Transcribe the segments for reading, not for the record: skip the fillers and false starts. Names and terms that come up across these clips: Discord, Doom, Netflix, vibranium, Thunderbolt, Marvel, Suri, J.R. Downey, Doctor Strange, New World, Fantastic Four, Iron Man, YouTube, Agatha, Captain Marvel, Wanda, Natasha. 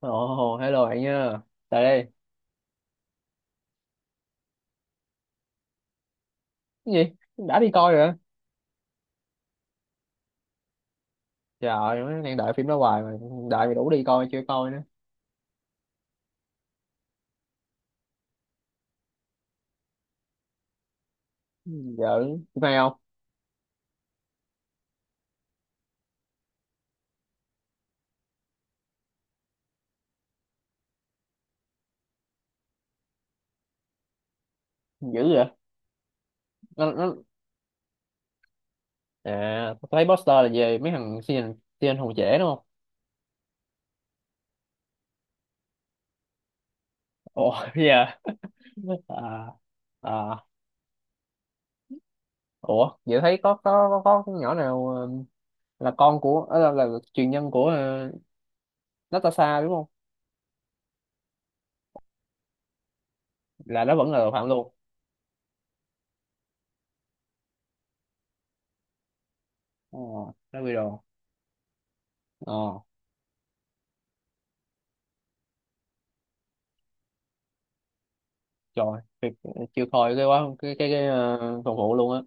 Ồ, hello bạn nha. Tại đây. Cái gì? Đã đi coi rồi hả? Trời ơi, mới đang đợi phim đó hoài mà đợi mày đủ đi coi chưa coi nữa. Giờ phim hay không? Dữ vậy. Nó à, tôi thấy poster là về mấy thằng siêu siêu hùng trẻ đúng không? Ồ, giờ à, à, ủa, vậy thấy có nhỏ nào là con của là truyền nhân của Natasha đúng không? Là nó vẫn là tội phạm luôn. Ồ, nó bị đồ. Ờ. Trời thiệt, chịu thôi cái quá cái phòng hộ luôn á.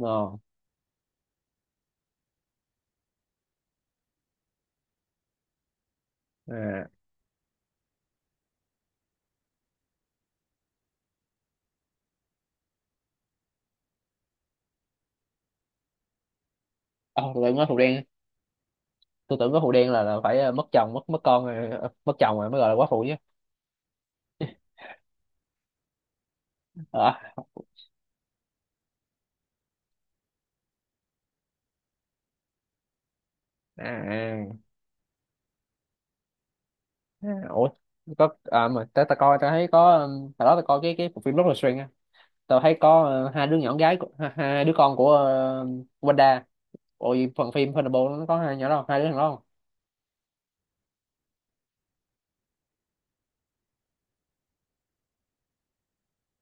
Ờ. À. À, tôi tưởng nói phụ đen, tôi tưởng có phụ đen là phải mất chồng mất mất con rồi mất chồng rồi mới gọi là quá phụ chứ. Ờ. À. À, ủa, có à, mà ta, ta coi ta thấy có hồi đó ta coi cái bộ phim Doctor Strange á, tao thấy có hai đứa nhỏ gái của- hai, hai đứa con của Wanda. Ôi phần phim Thunderbolt nó có hai nhỏ đó không? Hai đứa thằng đó không?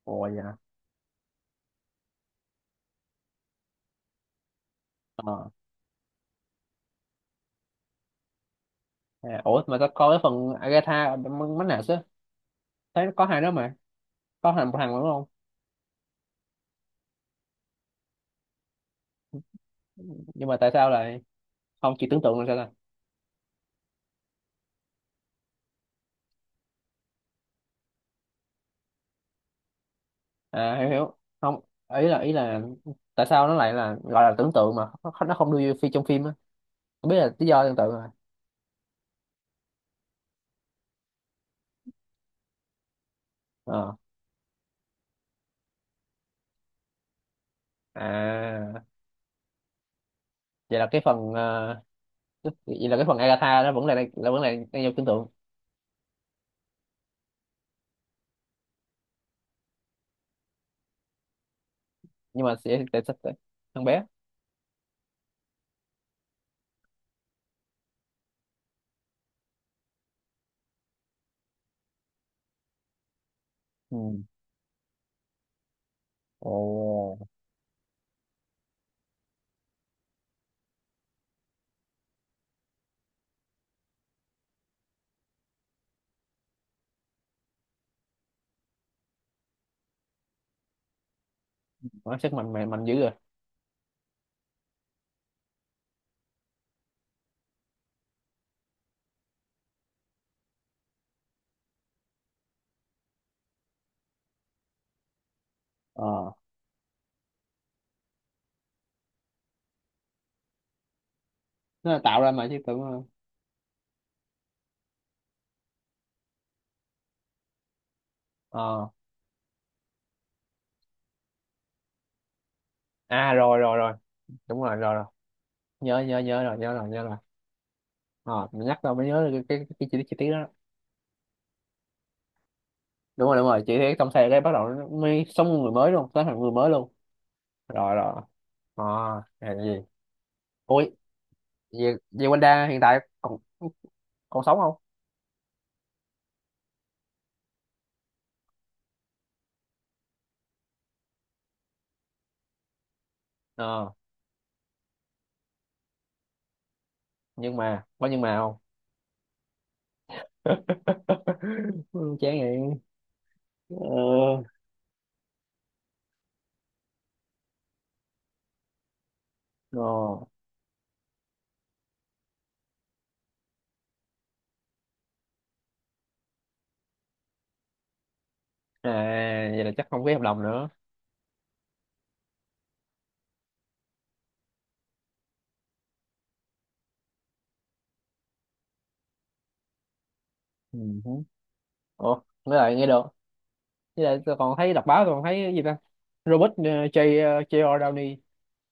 Ủa dạ. Ờ. À, ủa mà tao coi cái phần Agatha mấy nào chứ, thấy có hai đứa mà có thằng thằng đúng không? Nhưng mà tại sao lại không chỉ tưởng tượng là sao ta? À hiểu hiểu không, ý là ý là tại sao nó lại là gọi là tưởng tượng mà nó không đưa vô phi trong phim á. Không biết là lý do tương tự rồi. Ờ. À vậy là cái phần vậy là cái phần Agatha nó vẫn là vẫn là đang vô tưởng tượng. Nhưng mà sẽ tại sao tại- thằng bé. Ừ. Ồ, nó sức mạnh mạnh mạnh dữ rồi. Ờ, nó là tạo ra mà chứ tưởng ờ. Ờ. À rồi rồi rồi, đúng rồi rồi rồi, nhớ nhớ nhớ rồi, nhớ rồi nhớ rồi. Ờ, mình nhắc tao mới nhớ được cái chi tiết đó. Đúng rồi đúng rồi, chị thấy trong xe cái bắt đầu nó mới sống người mới luôn, sống thành người mới luôn. Rồi rồi. Ờ. À là gì. Ôi về về Wanda hiện tại còn còn sống không? Ờ. Nhưng mà có nhưng mà không. Ừ, chán vậy. Ờ. Ờ. À vậy là chắc không ký hợp đồng nữa. Ừ. Ủa với lại nghe được, với lại tôi còn thấy đọc báo tôi còn thấy cái gì ta, Robert J J.R. Downey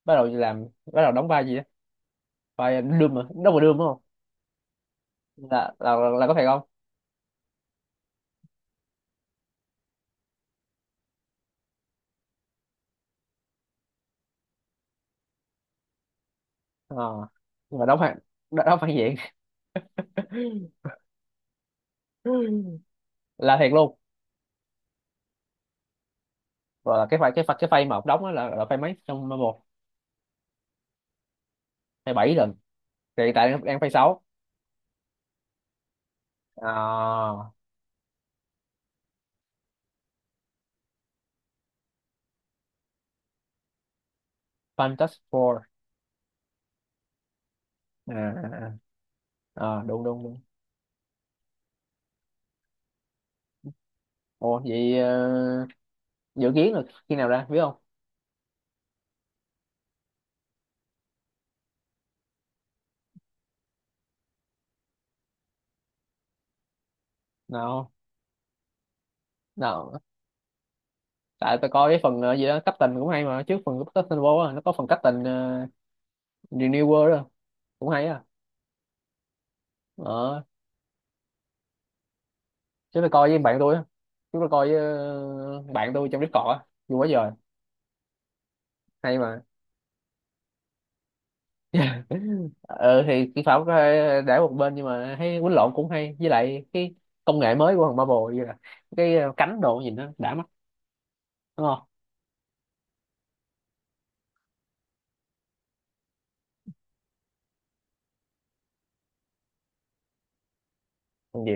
bắt đầu làm, bắt đầu đóng vai gì, bài Doom mà đâu mà Doom đúng không? Là là có thiệt không? Ờ. Nhưng mà đóng phản, đóng đóng phản diện. Là thiệt luôn. Rồi là cái phay cái phay cái phay mà ông đóng á là phay mấy trong một, phay bảy lần. Thì hiện tại đang đang phay sáu. À, Fantastic Four. À, à, à. Ờ, đúng đúng đúng. Ồ vậy dự kiến là khi nào ra biết không? Nào. Nào tại tôi coi cái phần gì đó Captain cũng hay mà, trước phần Captain Marvel á, nó có phần Captain New World đó. Cũng hay á. Ờ, chứ tôi coi với bạn tôi á, chứ tôi coi với bạn tôi trong Discord á, vui quá trời. Hay mà. Ờ thì kỹ thuật để một bên, nhưng mà thấy quýnh lộn cũng hay, với lại cái công nghệ mới của thằng Marvel như là cái cánh đồ nhìn nó đã mắt đúng không? Còn gì.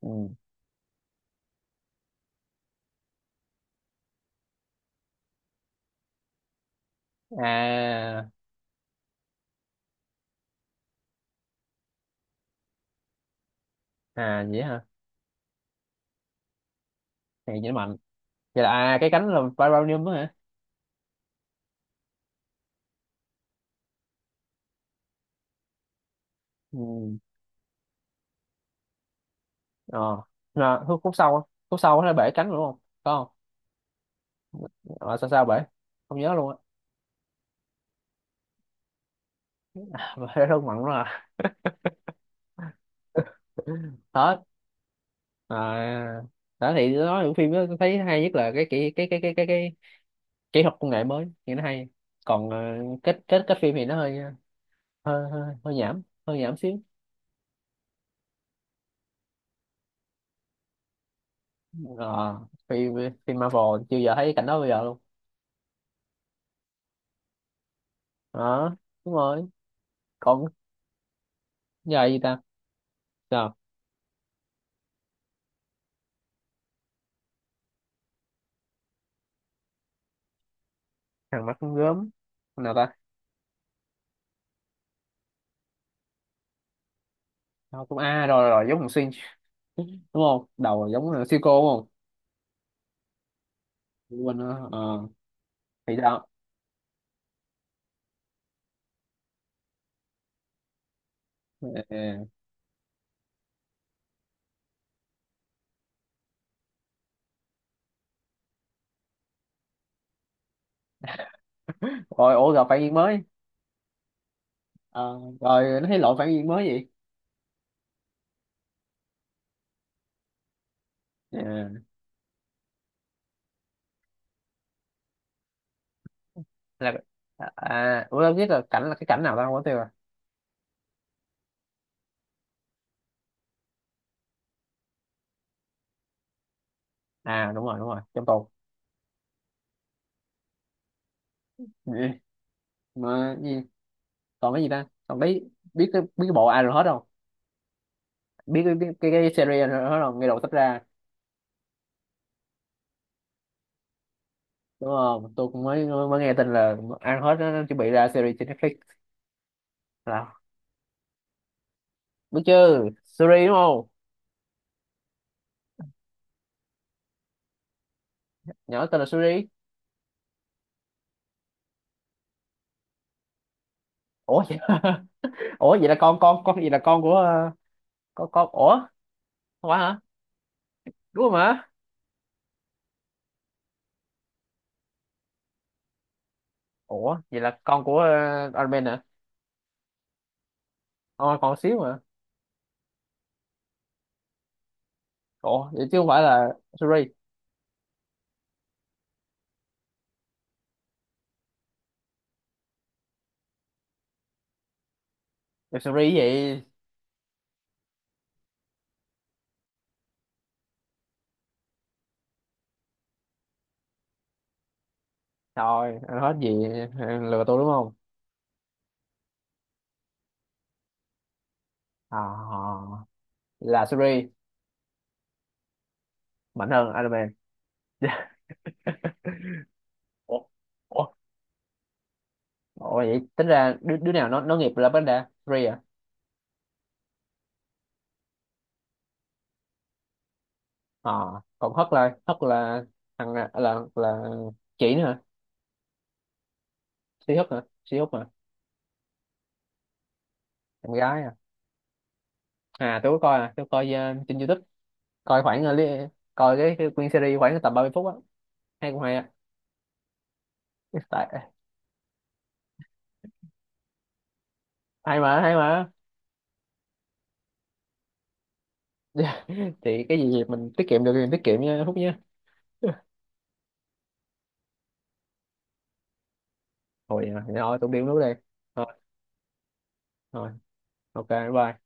Ừ. À. À vậy hả. Thì vậy mạnh. Vậy là à cái cánh là vibranium đó hả? Ừ. Ờ. À, khúc khúc sau á. Khúc sau nó bể cánh rồi đúng không có không? Ờ, sao sao bể, không nhớ luôn á. Bể rất mạnh lắm à. Hết. À đó thì nói những phim đó tôi thấy hay nhất là cái kỹ cái kỹ thuật công nghệ mới thì nó hay, còn kết kết kết phim thì nó hơi hơi hơi, hơi nhảm, hơi nhảm xíu. Ờ, phim phim Marvel chưa giờ thấy cảnh đó bây giờ luôn. Đó đúng rồi. Còn giờ gì ta, giờ thằng mắt con gớm nào ta. Đâu, cũng a rồi rồi giống thằng xuyên đúng không, đầu giống thằng siêu cô đúng không? Quên nữa. Ờ, thì sao. Ờ, rồi ủa gặp phản diện mới. Ờ, rồi nó thấy lộ phản diện mới gì. Ờ, là à ủa đâu biết là cảnh là cái cảnh nào ta không có tiêu à. À đúng rồi trong tù. Ừ. Mà gì còn cái gì ta, còn biết biết cái bộ ai rồi hết không, biết cái, biết cái series rồi hết không ngay đầu sắp ra. Đúng không, tôi cũng mới mới nghe tin là ăn hết nó chuẩn bị ra series trên Netflix. Là biết chứ, Suri đúng không, nhỏ tên là Suri. Ủa vậy. Ủa vậy là con gì, là con của con, ủa không phải hả, đúng rồi mà. Ủa vậy là con của Iron Man hả? Ờ, con xíu mà. Ủa vậy chứ không phải là Suri? Web series gì? Thôi, anh hết gì, anh lừa tôi đúng không? À, là series mạnh hơn Iron Man. Ủa? Ủa? Ủa vậy tính ra đứa, đứa nào nó nghiệp là vấn đề series à? À, còn Hất là thằng là chị nữa hả? Si Hất hả? Si Hất hả? Em gái à? À tôi có coi, à, tôi coi trên YouTube, coi khoảng li- coi cái nguyên series khoảng tầm 30 phút á. Hay cũng hay á. Tại hay mà, hay mà. Thì cái gì mình tiết kiệm được thì mình tiết kiệm nha, Phúc nhé. Thôi vậy thì thôi tôi đi uống nước đi. Thôi. Thôi. Ok. Bye.